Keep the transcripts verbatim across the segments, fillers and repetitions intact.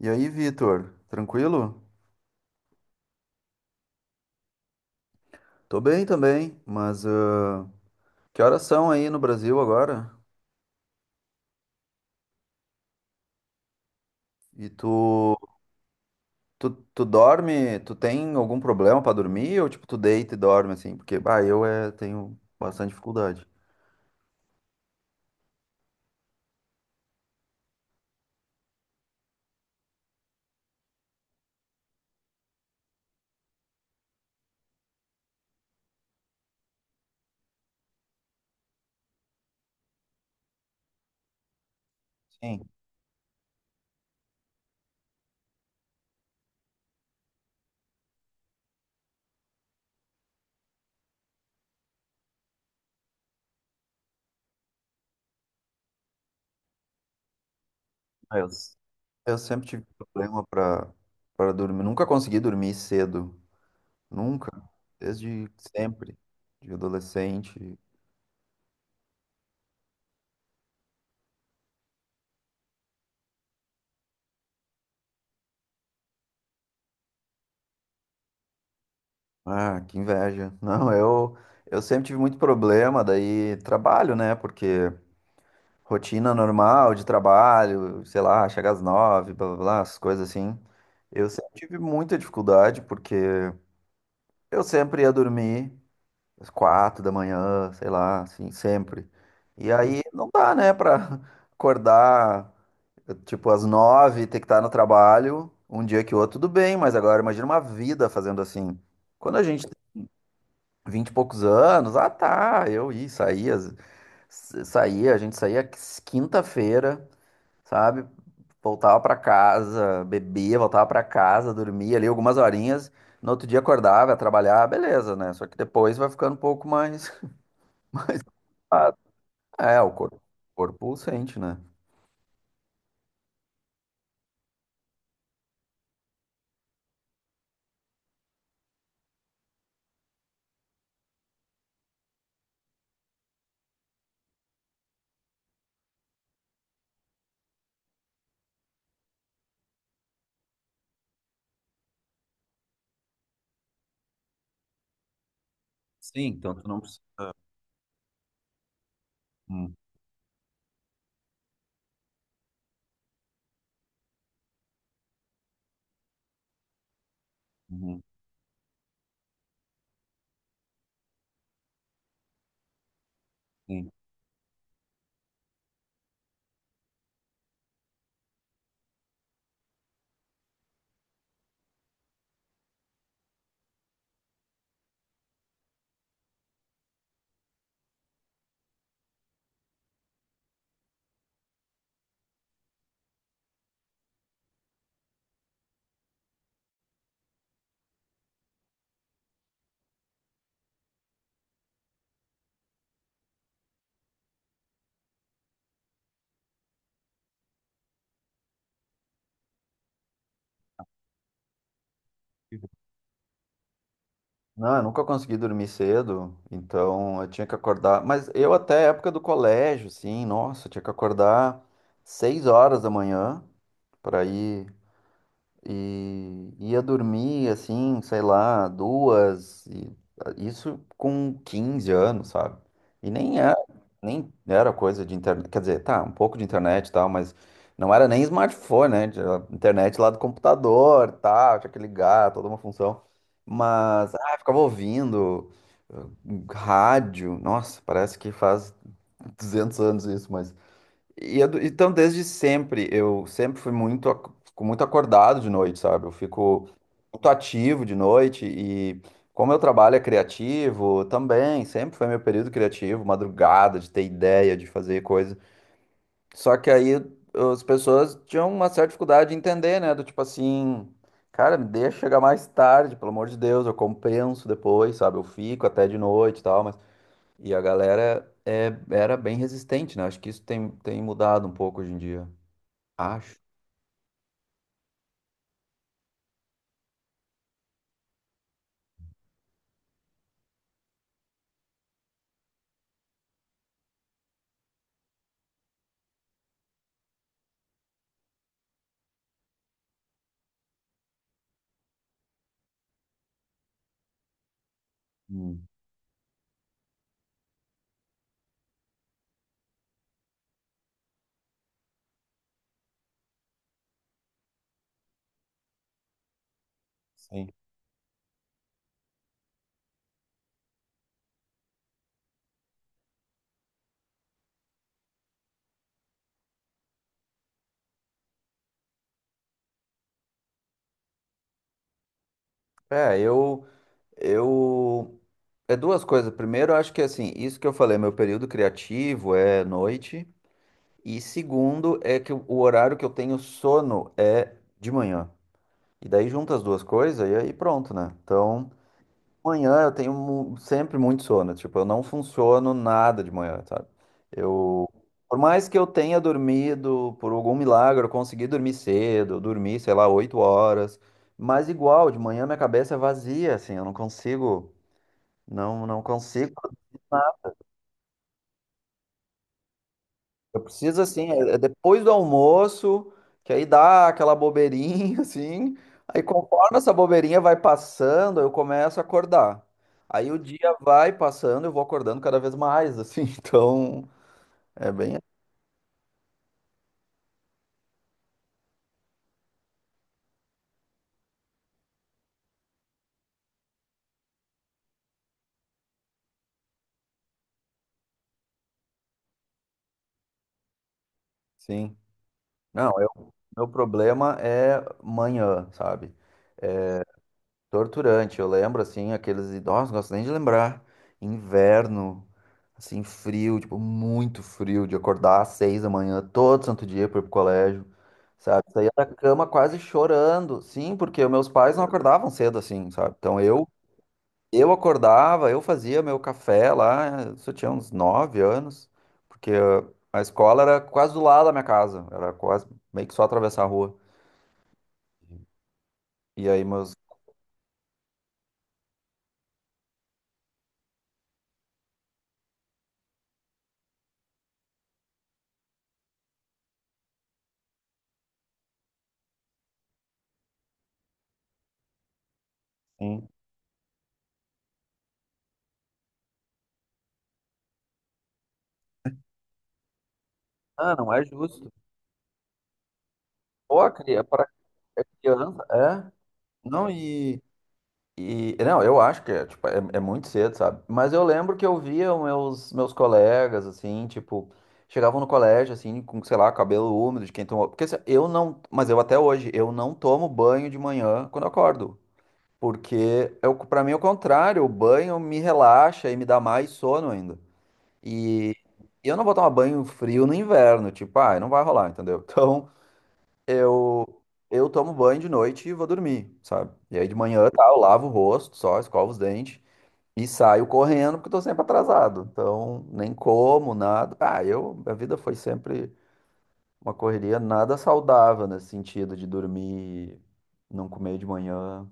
E aí, Vitor, tranquilo? Tô bem também, mas ah, que horas são aí no Brasil agora? E tu, tu, tu dorme, tu tem algum problema pra dormir ou tipo tu deita e dorme assim? Porque bah, eu é, tenho bastante dificuldade. Sim, eu, eu sempre tive problema pra para dormir, nunca consegui dormir cedo, nunca, desde sempre, de adolescente. Ah, que inveja. Não, eu eu sempre tive muito problema, daí trabalho, né? Porque rotina normal de trabalho, sei lá, chega às nove, blá blá blá, as coisas assim. Eu sempre tive muita dificuldade porque eu sempre ia dormir às quatro da manhã, sei lá, assim, sempre. E aí não dá, né, pra acordar tipo às nove, ter que estar no trabalho, um dia que o outro, tudo bem, mas agora imagina uma vida fazendo assim. Quando a gente tem vinte e poucos anos, ah tá, eu ia, saía, s- saía, a gente saía quinta-feira, sabe? Voltava pra casa, bebia, voltava pra casa, dormia ali algumas horinhas. No outro dia acordava, ia trabalhar, beleza, né? Só que depois vai ficando um pouco mais. Ah, é, o corpo, o corpo sente, né? Sim, então tu não precisa. Hum, uhum, sim. Não, eu nunca consegui dormir cedo, então eu tinha que acordar. Mas eu até época do colégio, sim, nossa, eu tinha que acordar seis horas da manhã para ir. E ia dormir assim, sei lá, duas, e isso com quinze anos, sabe? E nem era, nem era coisa de internet, quer dizer, tá, um pouco de internet e tal, mas não era nem smartphone, né? Era internet lá do computador, tá, tinha que ligar, toda uma função. Mas, ah, ficava ouvindo uh, rádio, nossa, parece que faz duzentos anos isso, mas e eu do- então, desde sempre, eu sempre fui muito, ac- fico muito acordado de noite, sabe? Eu fico muito ativo de noite e como meu trabalho é criativo, também, sempre foi meu período criativo, madrugada, de ter ideia, de fazer coisa. Só que aí as pessoas tinham uma certa dificuldade de entender, né? Do tipo assim, cara, me deixa chegar mais tarde, pelo amor de Deus, eu compenso depois, sabe? Eu fico até de noite e tal, mas e a galera é, era bem resistente, né? Acho que isso tem, tem mudado um pouco hoje em dia. Acho. Hum, sim. É, eu, eu. É duas coisas. Primeiro, eu acho que assim, isso que eu falei, meu período criativo é noite. E segundo, é que o o horário que eu tenho sono é de manhã. E daí junta as duas coisas e aí pronto, né? Então. Manhã eu tenho mu- sempre muito sono, tipo, eu não funciono nada de manhã, sabe? Eu, por mais que eu tenha dormido, por algum milagre, eu consegui dormir cedo, eu dormi, sei lá, oito horas, mas igual, de manhã minha cabeça é vazia, assim, eu não consigo, não, não consigo. Eu preciso, assim, é é depois do almoço, que aí dá aquela bobeirinha, assim. Aí, conforme essa bobeirinha vai passando, eu começo a acordar. Aí o dia vai passando, eu vou acordando cada vez mais, assim. Então, é bem assim. Não, eu, meu problema é manhã, sabe? Torturante, eu lembro assim, aqueles idosos, não gosto nem de lembrar. Inverno, assim, frio, tipo, muito frio, de acordar às seis da manhã, todo santo dia para ir pro colégio, sabe? Saía da cama quase chorando, sim, porque os meus pais não acordavam cedo assim, sabe? Então eu, eu acordava, eu fazia meu café lá, isso eu tinha uns nove anos, porque ah, a escola era quase do lado da minha casa, era quase meio que só atravessar a rua. E aí meus. Sim. Ah, não é justo. Pô, cria, é criança, é? Não, e, e. Não, eu acho que é, tipo, é, é muito cedo, sabe? Mas eu lembro que eu via os meus, meus colegas, assim, tipo, chegavam no colégio, assim, com, sei lá, cabelo úmido de quem tomou. Porque assim, eu não. Mas eu até hoje, eu não tomo banho de manhã quando eu acordo. Porque eu, pra mim é o contrário, o banho me relaxa e me dá mais sono ainda. E eu não vou tomar banho frio no inverno, tipo, ah, não vai rolar, entendeu? Então. Eu, eu tomo banho de noite e vou dormir, sabe? E aí de manhã, tá, eu lavo o rosto só, escovo os dentes e saio correndo porque eu tô sempre atrasado. Então, nem como, nada. Ah, eu, a vida foi sempre uma correria nada saudável nesse sentido de dormir, não comer de manhã.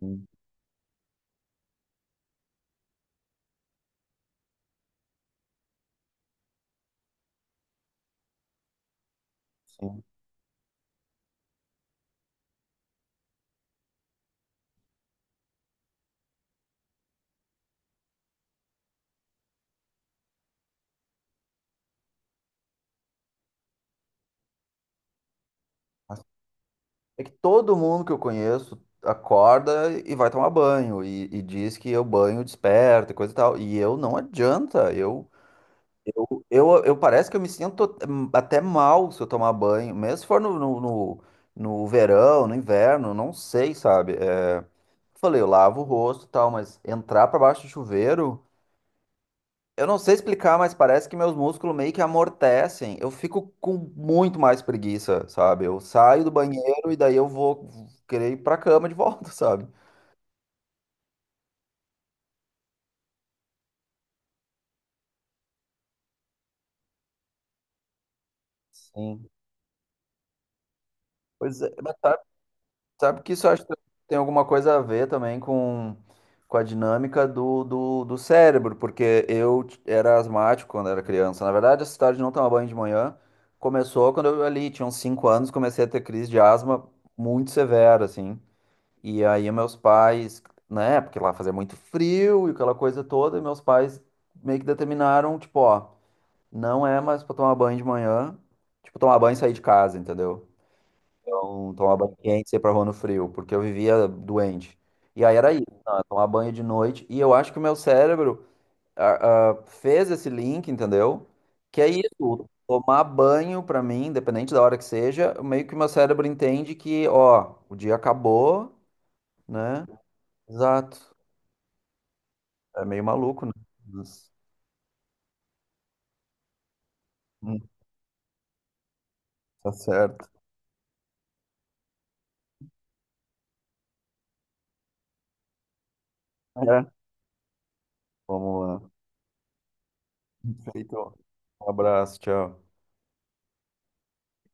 Sim, sim. Mas é que todo mundo que eu conheço acorda e vai tomar banho e, e diz que eu banho desperta e coisa e tal. E eu não adianta, eu Eu, eu, eu parece que eu me sinto hum, até mal se eu tomar banho, mesmo se for no, no, no, no verão, no inverno, não sei, sabe? É, falei, eu lavo o rosto e tal, mas entrar pra baixo do chuveiro, eu não sei explicar, mas parece que meus músculos meio que amortecem. Eu fico com muito mais preguiça, sabe? Eu saio do banheiro e daí eu vou querer ir pra cama de volta, sabe? Sim. Pois é, sabe que isso eu acho que tem alguma coisa a ver também com, com, a dinâmica do, do, do cérebro, porque eu t- era asmático quando era criança. Na verdade, essa história de não tomar banho de manhã começou quando eu ali tinha uns cinco anos, comecei a ter crise de asma muito severa, assim. E aí meus pais, né, porque lá fazia muito frio e aquela coisa toda, e meus pais meio que determinaram, tipo, ó, não é mais pra tomar banho de manhã, tipo, tomar banho e sair de casa, entendeu? Então, tomar banho quente, sair pra rua no frio, porque eu vivia doente. E aí era isso, não, é tomar banho de noite. E eu acho que o meu cérebro ah, ah, fez esse link, entendeu? Que é isso, tomar banho pra mim, independente da hora que seja, meio que o meu cérebro entende que, ó, o dia acabou, né? Exato. É meio maluco, né? Mas, hum, tá certo. É. Vamos lá. Feito. Um abraço, tchau.